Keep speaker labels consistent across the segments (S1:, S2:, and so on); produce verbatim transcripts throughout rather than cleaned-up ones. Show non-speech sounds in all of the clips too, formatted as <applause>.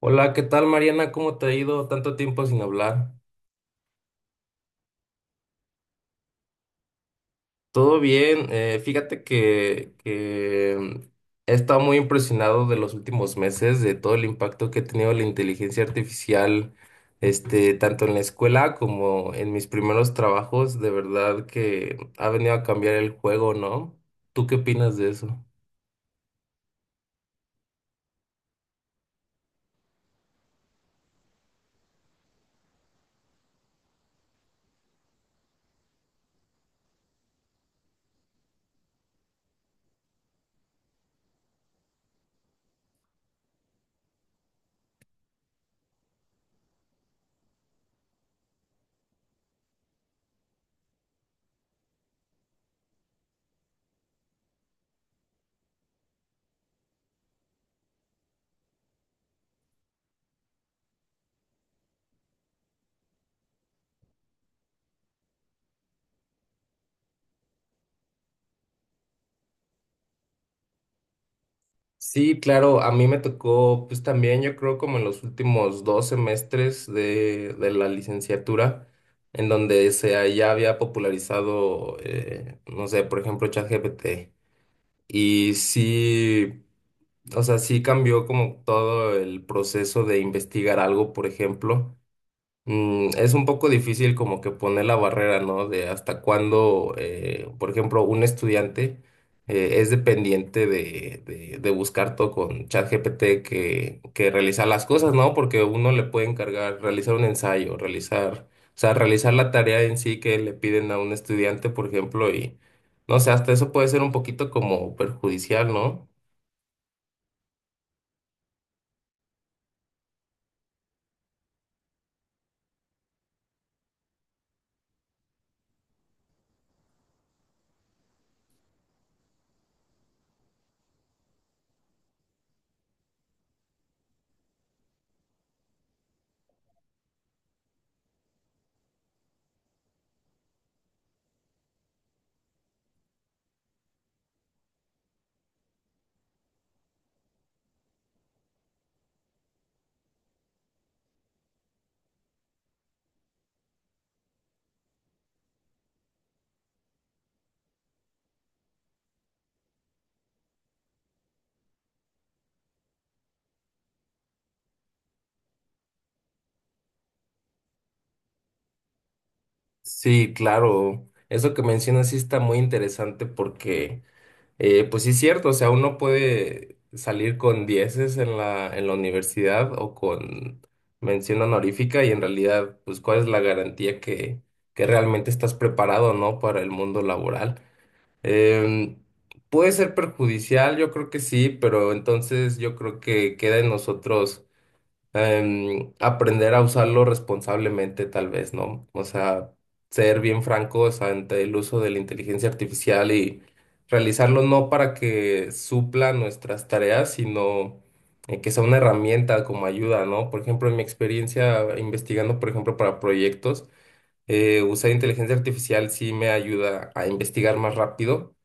S1: Hola, ¿qué tal Mariana? ¿Cómo te ha ido? Tanto tiempo sin hablar. Todo bien, eh, fíjate que, que mm, he estado muy impresionado de los últimos meses, de todo el impacto que ha tenido la inteligencia artificial, este, tanto en la escuela como en mis primeros trabajos, de verdad que ha venido a cambiar el juego, ¿no? ¿Tú qué opinas de eso? Sí, claro, a mí me tocó, pues también yo creo como en los últimos dos semestres de, de la licenciatura, en donde se ya había popularizado, eh, no sé, por ejemplo, ChatGPT. Y sí, o sea, sí cambió como todo el proceso de investigar algo, por ejemplo. Mm, es un poco difícil como que poner la barrera, ¿no? De hasta cuándo, eh, por ejemplo, un estudiante eh, es dependiente de, de, de buscar todo con ChatGPT que, que realizar las cosas, ¿no? Porque uno le puede encargar realizar un ensayo, realizar, o sea, realizar la tarea en sí que le piden a un estudiante, por ejemplo, y no sé, hasta eso puede ser un poquito como perjudicial, ¿no? Sí, claro. Eso que mencionas sí está muy interesante porque… Eh, pues sí es cierto, o sea, uno puede salir con dieces en la, en la universidad o con mención honorífica y en realidad, pues, ¿cuál es la garantía que, que realmente estás preparado, ¿no? Para el mundo laboral. Em, Puede ser perjudicial, yo creo que sí, pero entonces yo creo que queda en nosotros em, aprender a usarlo responsablemente, tal vez, ¿no? O sea, ser bien francos ante el uso de la inteligencia artificial y realizarlo no para que supla nuestras tareas, sino eh, que sea una herramienta como ayuda, ¿no? Por ejemplo, en mi experiencia investigando, por ejemplo, para proyectos, eh, usar inteligencia artificial sí me ayuda a investigar más rápido,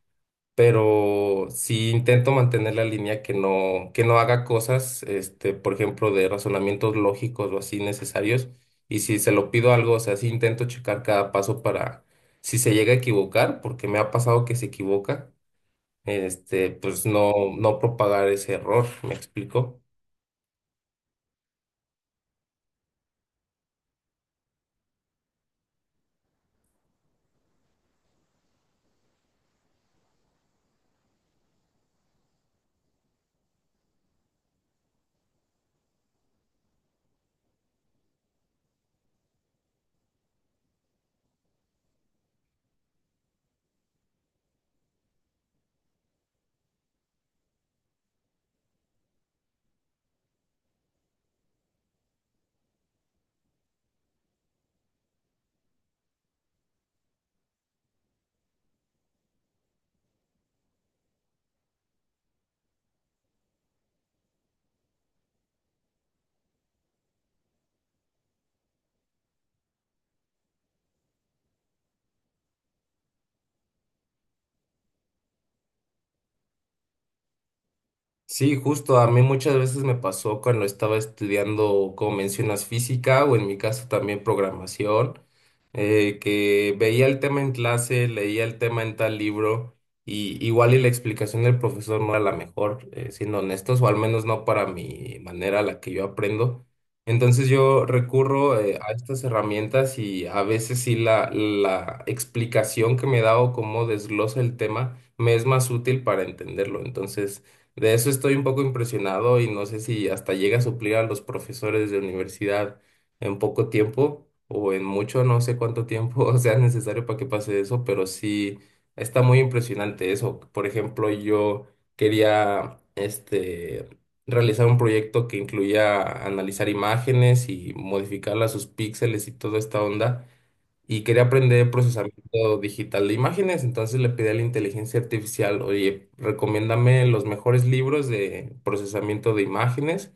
S1: pero sí intento mantener la línea que no, que no haga cosas, este, por ejemplo, de razonamientos lógicos o así necesarios. Y si se lo pido algo, o sea, sí intento checar cada paso para, si se llega a equivocar, porque me ha pasado que se equivoca, este, pues no, no propagar ese error, ¿me explico? Sí, justo a mí muchas veces me pasó cuando estaba estudiando, como mencionas, física o en mi caso también programación, eh, que veía el tema en clase, leía el tema en tal libro y igual y la explicación del profesor no era la mejor, eh, siendo honestos, o al menos no para mi manera a la que yo aprendo. Entonces yo recurro, eh, a estas herramientas y a veces sí la, la explicación que me da o cómo desglosa el tema me es más útil para entenderlo. Entonces… De eso estoy un poco impresionado y no sé si hasta llega a suplir a los profesores de universidad en poco tiempo o en mucho, no sé cuánto tiempo <laughs> sea necesario para que pase eso, pero sí está muy impresionante eso. Por ejemplo, yo quería este realizar un proyecto que incluía analizar imágenes y modificarlas, sus píxeles y toda esta onda, y quería aprender procesamiento digital de imágenes, entonces le pedí a la inteligencia artificial, oye, recomiéndame los mejores libros de procesamiento de imágenes,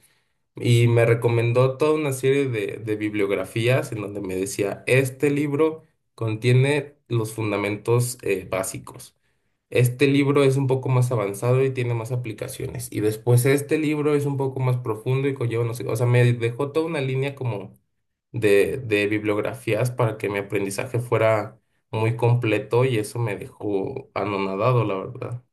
S1: y me recomendó toda una serie de, de bibliografías en donde me decía, este libro contiene los fundamentos eh, básicos. Este libro es un poco más avanzado y tiene más aplicaciones. Y después este libro es un poco más profundo y conlleva, no sé, o sea, me dejó toda una línea como de, de bibliografías para que mi aprendizaje fuera muy completo y eso me dejó anonadado, la verdad.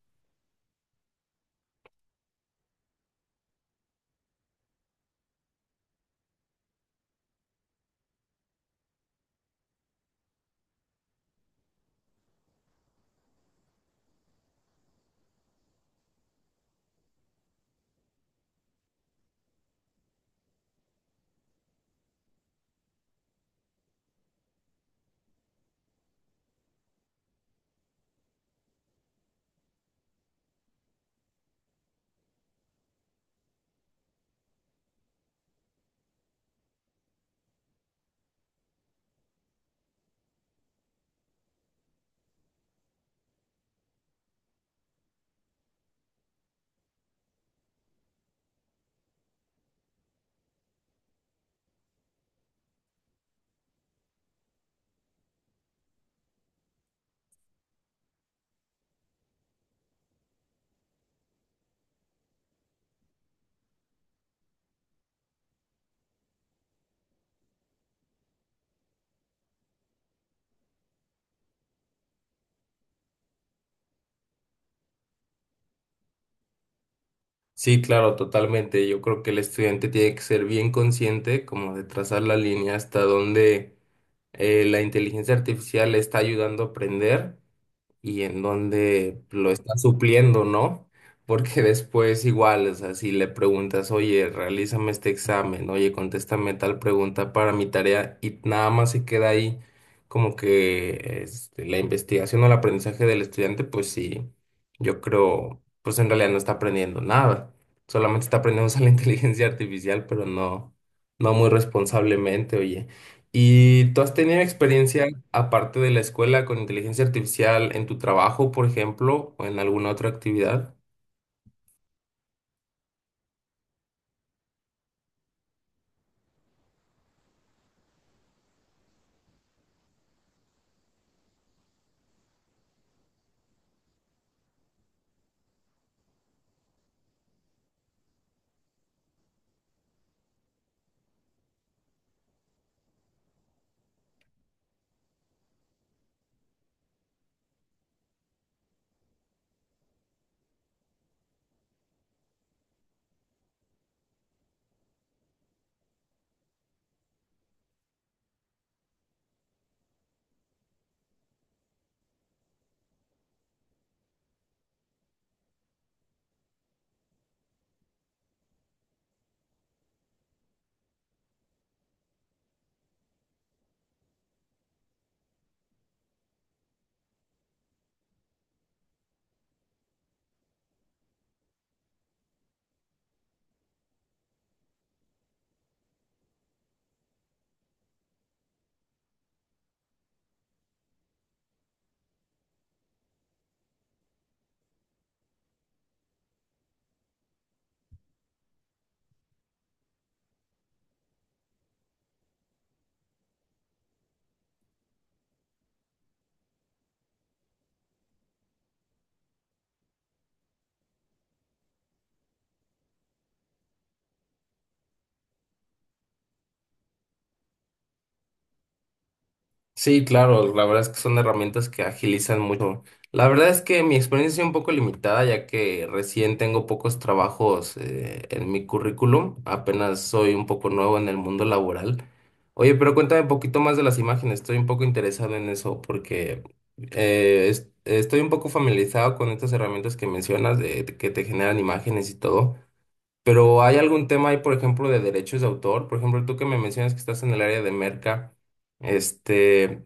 S1: Sí, claro, totalmente. Yo creo que el estudiante tiene que ser bien consciente como de trazar la línea hasta donde eh, la inteligencia artificial le está ayudando a aprender y en donde lo está supliendo, ¿no? Porque <laughs> después igual, o sea, si le preguntas, oye, realízame este examen, oye, contéstame tal pregunta para mi tarea y nada más se queda ahí como que este, la investigación o el aprendizaje del estudiante, pues sí, yo creo, pues en realidad no está aprendiendo nada, solamente está aprendiendo <laughs> a usar la <laughs> inteligencia artificial, pero no, no muy responsablemente, oye. ¿Y tú has tenido experiencia, aparte de la escuela, con inteligencia artificial en tu trabajo, por ejemplo, o en alguna otra actividad? Sí, claro, la verdad es que son herramientas que agilizan mucho. La verdad es que mi experiencia es un poco limitada, ya que recién tengo pocos trabajos eh, en mi currículum, apenas soy un poco nuevo en el mundo laboral. Oye, pero cuéntame un poquito más de las imágenes, estoy un poco interesado en eso porque eh, es- estoy un poco familiarizado con estas herramientas que mencionas, de, que te generan imágenes y todo. Pero ¿hay algún tema ahí, por ejemplo, de derechos de autor? Por ejemplo, tú que me mencionas que estás en el área de merca. Este,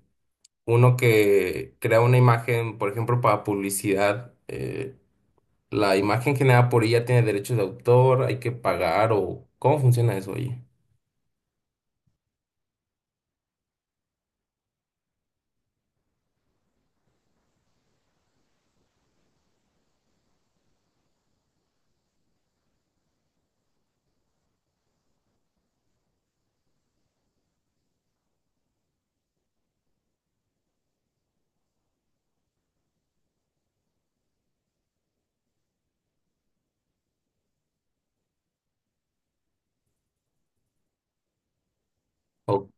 S1: uno que crea una imagen, por ejemplo, para publicidad, eh, la imagen generada por ella tiene derechos de autor, hay que pagar o ¿cómo funciona eso, oye? Ok.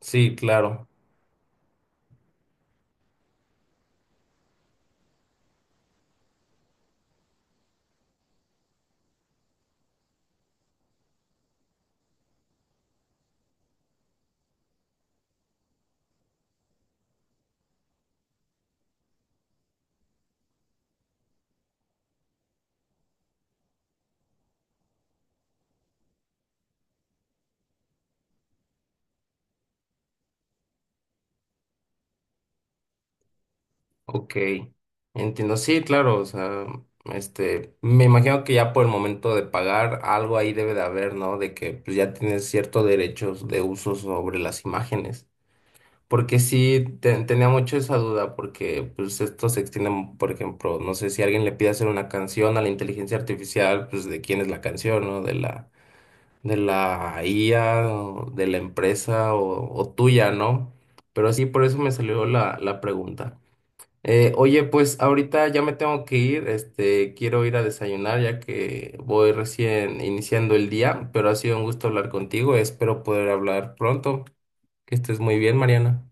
S1: Sí, claro. Ok. Entiendo. Sí, claro. O sea, este, me imagino que ya por el momento de pagar algo ahí debe de haber, ¿no? De que pues, ya tienes ciertos derechos de uso sobre las imágenes. Porque sí, te- tenía mucho esa duda, porque pues esto se extiende, por ejemplo, no sé si alguien le pide hacer una canción a la inteligencia artificial, pues de quién es la canción, ¿no? De la, de la I A, o de la empresa o, o tuya, ¿no? Pero sí, por eso me salió la, la pregunta. Eh, oye, pues ahorita ya me tengo que ir, este, quiero ir a desayunar ya que voy recién iniciando el día, pero ha sido un gusto hablar contigo, espero poder hablar pronto. Que estés muy bien, Mariana.